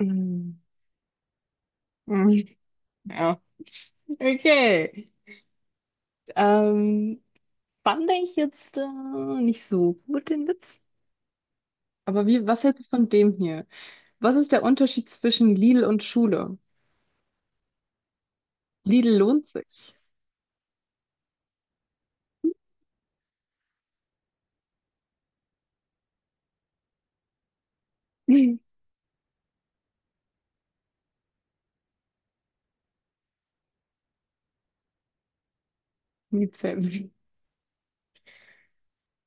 Mhm. Mhm. Ja, okay. Ähm, fand ich jetzt nicht so gut den Witz. Aber was hältst du von dem hier? Was ist der Unterschied zwischen Lidl und Schule? Lidl lohnt sich. Nicht selbst.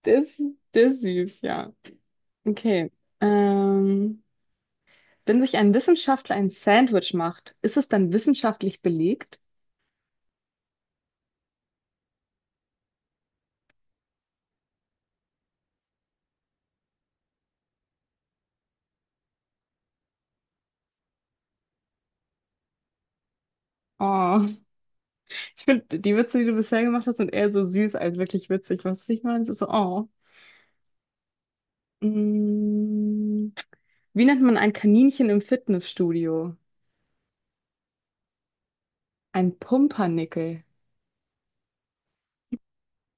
Das, das ist süß, ja. Okay. Ähm, Wenn sich ein Wissenschaftler ein Sandwich macht, ist es dann wissenschaftlich belegt? Oh, ich finde, die Witze, die du bisher gemacht hast, sind eher so süß als wirklich witzig. Was ich meine, es ist so, oh. Mm, Wie nennt man ein Kaninchen im Fitnessstudio? Ein Pumpernickel.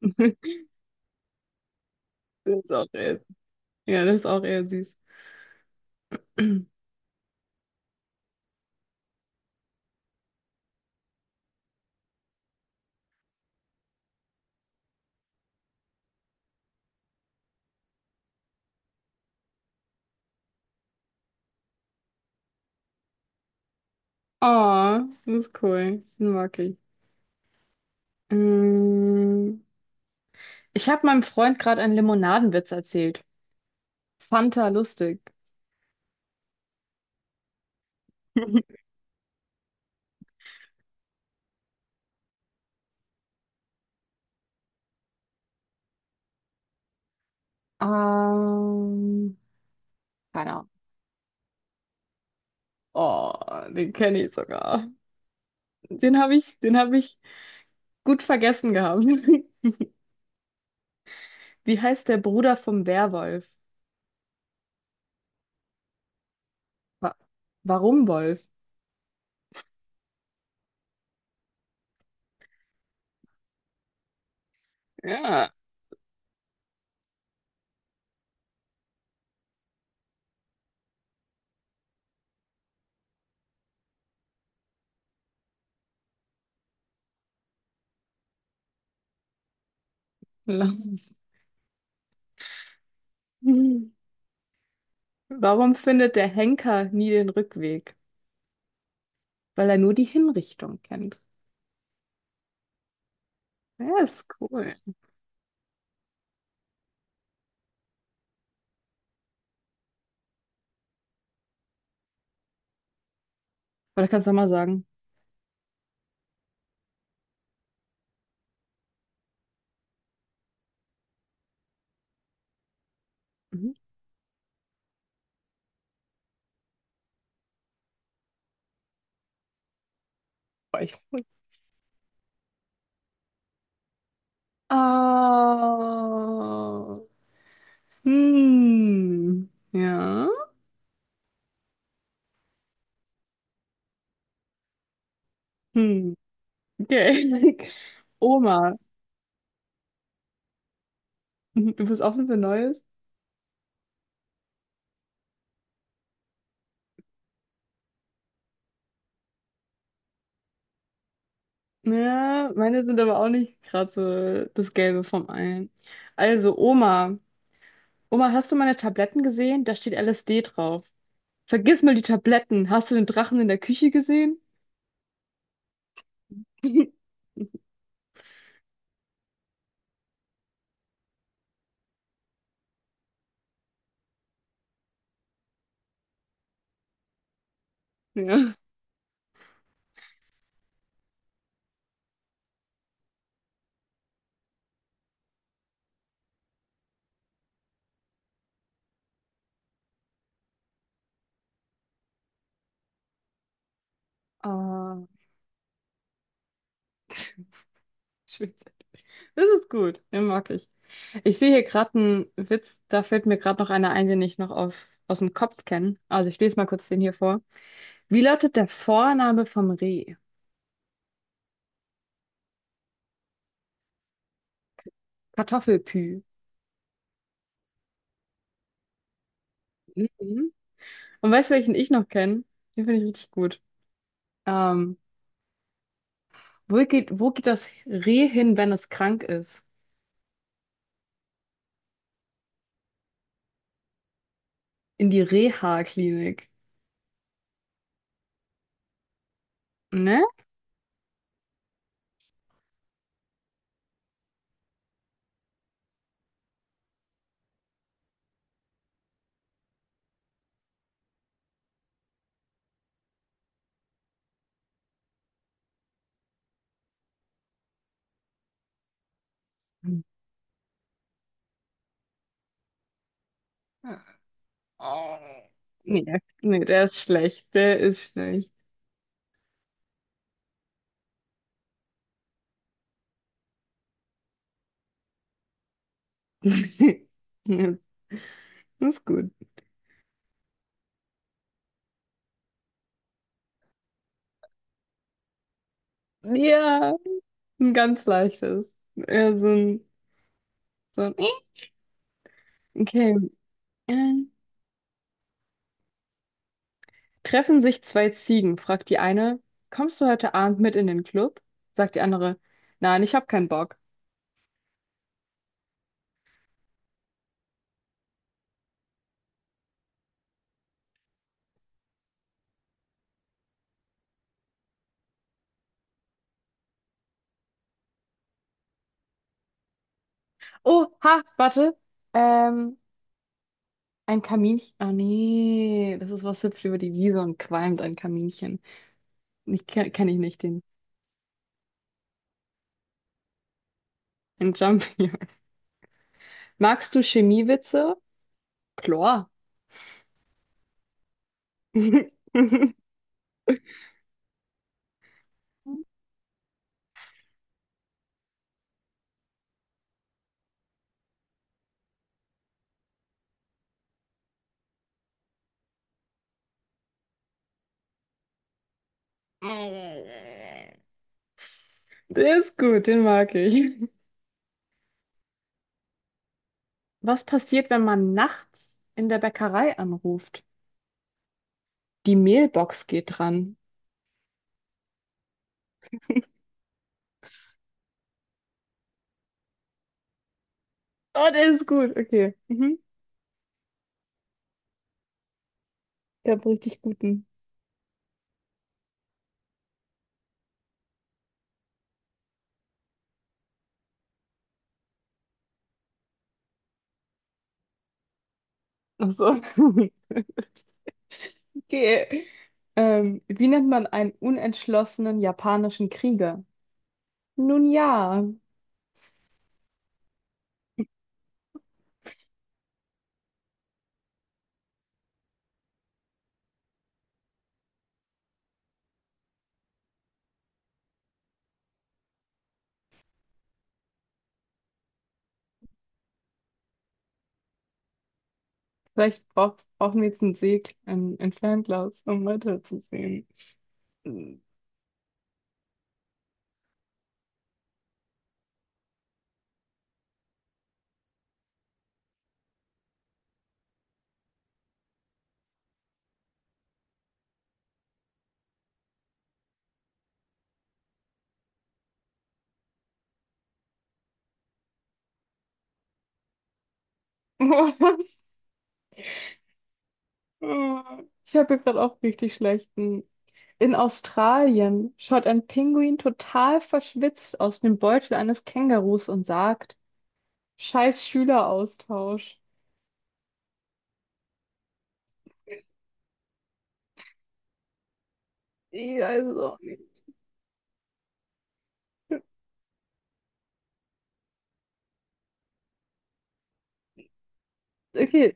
Das ist auch eher, ja, das ist auch eher süß. Oh, das ist cool. Den mag ich. Mm, Ich habe meinem Freund gerade einen Limonadenwitz erzählt. Fanta lustig. Ähm, keine Ahnung. Oh, den kenne ich sogar. Den habe ich gut vergessen gehabt. Wie heißt der Bruder vom Werwolf? Wa warum Wolf? Ja, lass uns. Hm. Warum findet der Henker nie den Rückweg? Weil er nur die Hinrichtung kennt. Ja, ist cool. Oder kannst du auch mal sagen? Mhm. Weich. Oh. Hm. Ja. Hm. Okay. Oma. Mhm. Du bist offen für Neues? Ja, meine sind aber auch nicht gerade so das Gelbe vom Ei. Also, Oma. Oma, hast du meine Tabletten gesehen? Da steht LSD drauf. Vergiss mal die Tabletten. Hast du den Drachen in der Küche gesehen? Ja. Ah, schön. Das ist gut. Den mag ich. Ich sehe hier gerade einen Witz, da fällt mir gerade noch einer ein, den ich noch auf, aus dem Kopf kenne. Also ich lese mal kurz den hier vor. Wie lautet der Vorname vom Reh? Kartoffelpü. Mhm. Und weißt du, welchen ich noch kenne? Den finde ich richtig gut. Ähm, wo geht das Reh hin, wenn es krank ist? In die Reha-Klinik. Ne? Mhm. Oh. Nee, der ist schlecht. Der ist schlecht. Ja, das ist gut. Ja, ein ganz leichtes. Ja, so ein okay. Äh, treffen sich zwei Ziegen, fragt die eine, kommst du heute Abend mit in den Club? Sagt die andere, nein, ich hab keinen Bock. Oh, ha, warte. Ähm, ein Kaminchen. Ah, nee, das ist was hüpft über die Wiese und qualmt ein Kaminchen. Ich kenne kenn ich nicht den. Ein Jumpy. Magst du Chemiewitze? Chlor. Der ist gut, den mag ich. Was passiert, wenn man nachts in der Bäckerei anruft? Die Mehlbox geht dran. Oh, der ist gut, okay. Mhm. Der hat richtig guten. Ach so. Okay. Wie nennt man einen unentschlossenen japanischen Krieger? Nun ja, vielleicht brauchen wir jetzt einen ein Fernglas, um weiterzusehen. Was? Ich habe hier gerade auch richtig schlechten. In Australien schaut ein Pinguin total verschwitzt aus dem Beutel eines Kängurus und sagt, Scheiß Schüleraustausch. Ich weiß. Okay,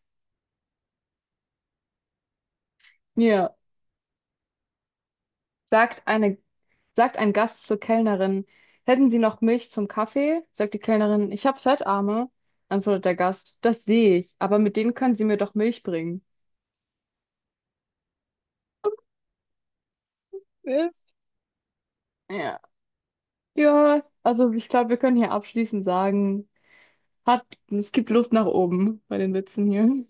ja. sagt eine, Sagt ein Gast zur Kellnerin, hätten Sie noch Milch zum Kaffee? Sagt die Kellnerin, ich habe Fettarme. Antwortet der Gast, das sehe ich, aber mit denen können Sie mir doch Milch bringen. Was? Ja. Ja, also ich glaube, wir können hier abschließend sagen, hat, es gibt Luft nach oben bei den Witzen hier.